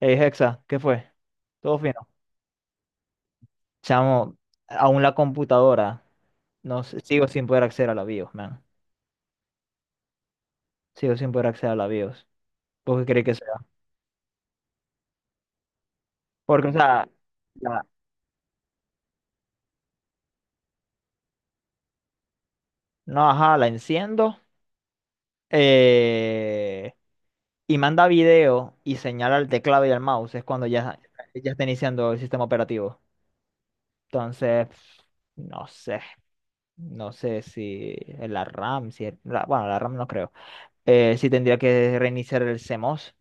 Hey, Hexa, ¿qué fue? ¿Todo fino? Chamo, aún la computadora, no sé, sigo sin poder acceder a la BIOS, man. Sigo sin poder acceder a la BIOS. ¿Por qué crees que sea? Porque, o sea, la- no, ajá, la enciendo eh, y manda video y señala el teclado y el mouse, es cuando ya, ya está iniciando el sistema operativo. Entonces, no sé, no sé si es la RAM, si es- la- bueno, la RAM no creo. Si tendría que reiniciar el CMOS.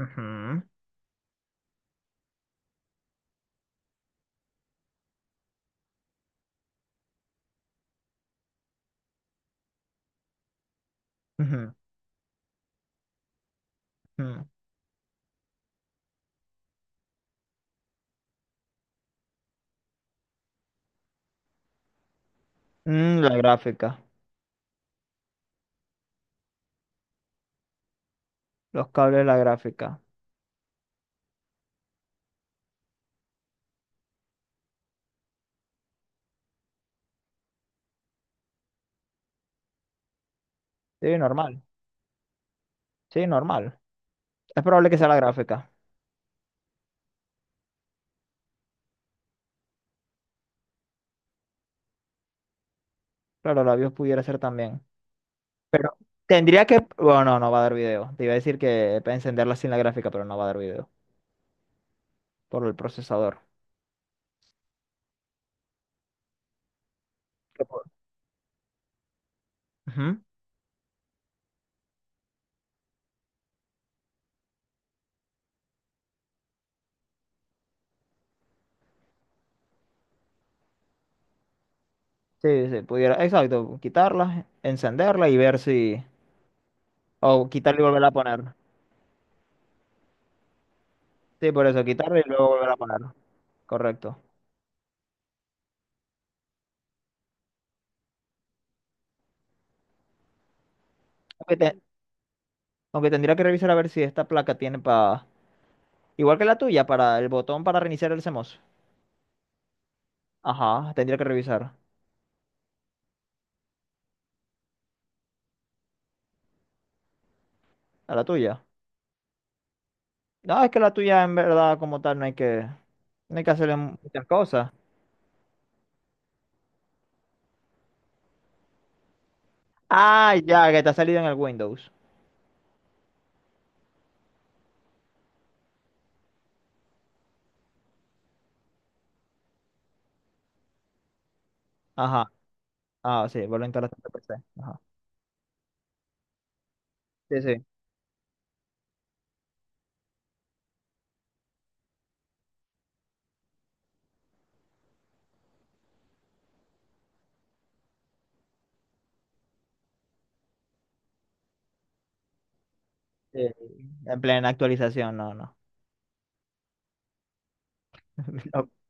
Ujú, ujú. Mm. Mm, la gráfica. Los cables de la gráfica. Sí, normal. Sí, normal. Es probable que sea la gráfica. Claro, la BIOS pudiera ser también. Pero tendría que... Bueno, no, no va a dar video. Te iba a decir que para encenderla sin la gráfica, pero no va a dar video. Por el procesador. Que por- Ujú. Sí, sí, pudiera. Exacto. Quitarla, encenderla y ver si... O quitarla y volverla a poner. Sí, por eso, quitarla y luego volver a poner. Correcto. Aunque, te- aunque tendría que revisar a ver si esta placa tiene para igual que la tuya, para el botón para reiniciar el CMOS. Ajá, tendría que revisar. A la tuya. No, es que la tuya en verdad como tal no hay que, no hay que hacerle muchas cosas. Ah, ya, que te ha salido en el Windows. Ajá. Ah, sí, vuelvo a instalaste en tu PC. Ajá. Sí, sí. Sí. En plena actualización, no, no.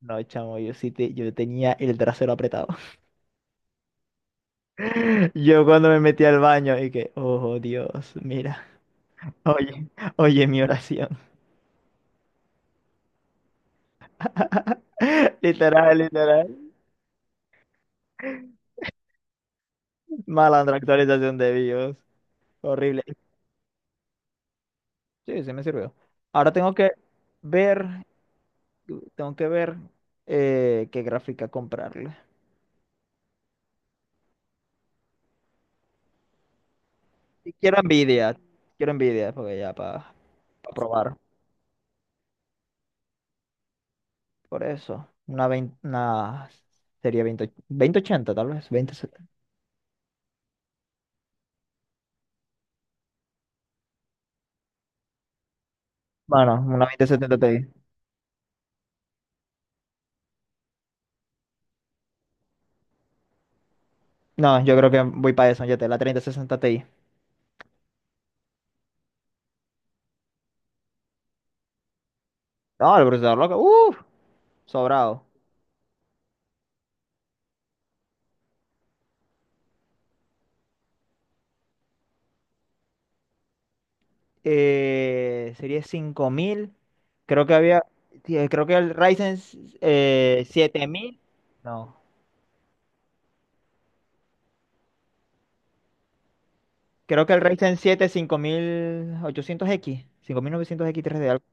No, no, chamo, yo tenía el trasero apretado. Yo cuando me metí al baño y que, oh Dios, mira, oye, oye mi oración. Literal, literal. Malandra actualización de BIOS. Horrible. Sí, sí me sirvió. Ahora ver, tengo que ver qué gráfica comprarle. Y quiero Nvidia, quiero Nvidia, porque ya para probar. Por eso, 20 una sería veinte veinte ochenta tal vez, 2070. Bueno, una veinte setenta Ti. No, yo creo que voy para eso, ya te la treinta sesenta Ti. No, el procesador loco, uff, sobrado. Sería cinco mil. Creo que había, sí, creo que el Ryzen siete mil. No, creo que el Ryzen 7 5800X, novecientos x tres de algo.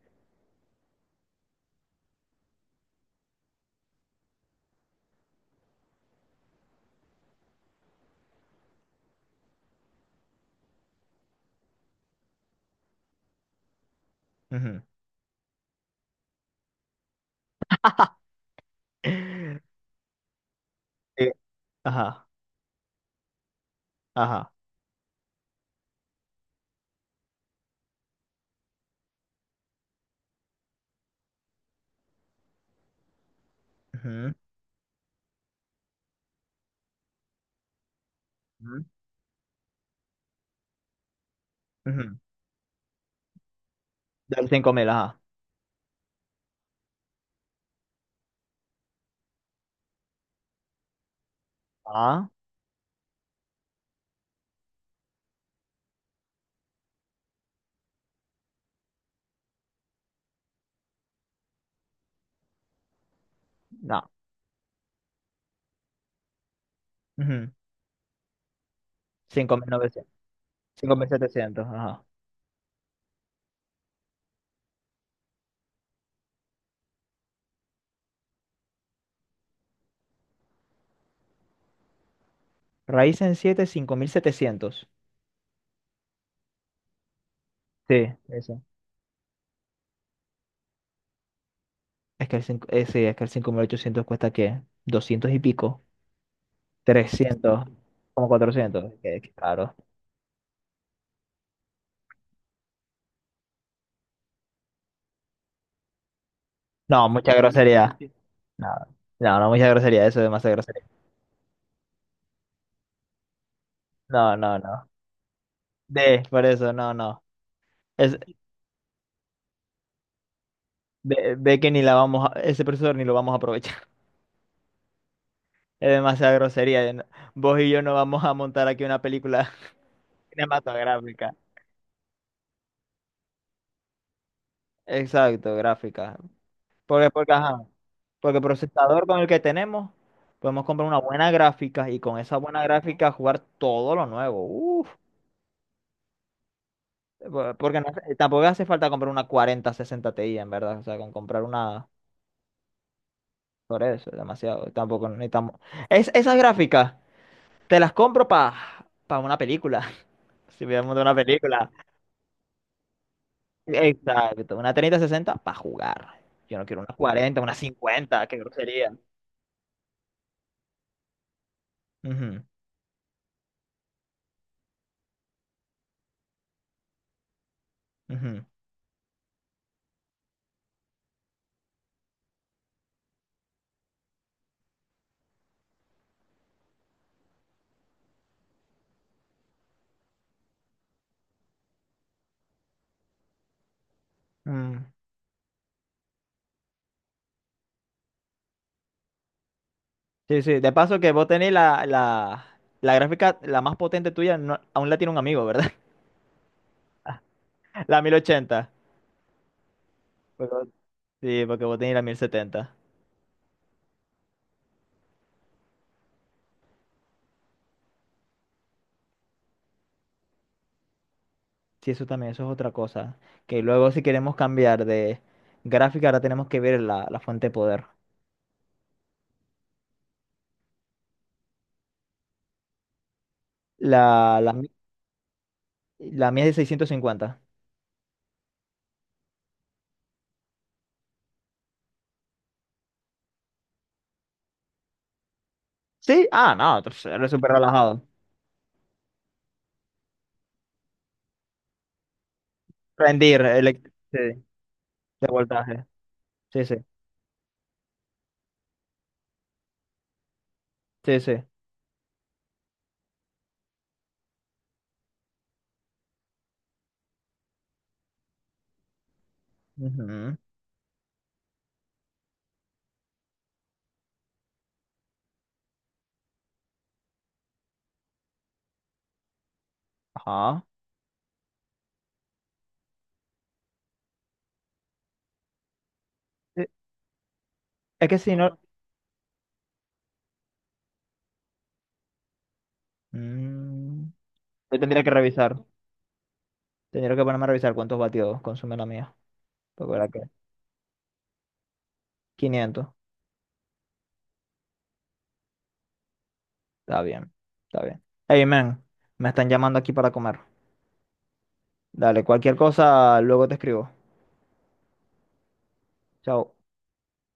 Ujú. Eh, Ajá, ajá. Ujú, ujú, ujú. Del 5000, ajá. Ah, no. Ujú. Cinco mil novecientos, cinco mil setecientos, ajá. Ryzen siete cinco mil setecientos. Sí, eso. Es que el 5 sí, es que el 5800 cuesta, ¿qué? Doscientos y pico. Trescientos, como cuatrocientos. Qué, qué caro. No, mucha grosería. No, no, no, mucha grosería. Eso es demasiada grosería. No, no, no. De, por eso, no, no. Es, ve, ve que ni la vamos a, ese profesor ni lo vamos a aprovechar. Es demasiada grosería. Yo no- Vos y yo no vamos a montar aquí una película cinematográfica. Exacto, gráfica. Porque, porque, ajá. Porque el procesador con el que tenemos, podemos comprar una buena gráfica y con esa buena gráfica jugar todo lo nuevo. Uf, porque no tampoco hace falta comprar una cuarenta, sesenta Ti, en verdad. O sea, con comprar una por eso, es demasiado. Tampoco necesitamos. Esas gráficas, te las compro para pa una película. Si viéramos de una película. Exacto. Una treinta sesenta para jugar. Yo no quiero una 40, una 50, qué grosería. Ujú, ujú. Mm. Sí, sí. De paso que vos tenés la gráfica, la más potente tuya, no- aún la tiene un amigo, ¿verdad? La 1080. Porque vos- sí, porque vos tenés la mil setenta. Sí, eso también, eso es otra cosa. Que luego si queremos cambiar de gráfica, ahora tenemos que ver la fuente de poder. La, la, mi- la mía es de 650. Sí, ah, no, entonces, eres súper relajado. Sí, de voltaje. Sí, sí, sí, sí. Ujú. Ajá. Sí, es que si no... Mm, yo tendría que revisar. Tendría que ponerme a revisar cuántos vatios consume la mía. Porque verá que 500, está bien, está bien. Hey, man, me están llamando aquí para comer. Dale, cualquier cosa, luego te escribo. Chao.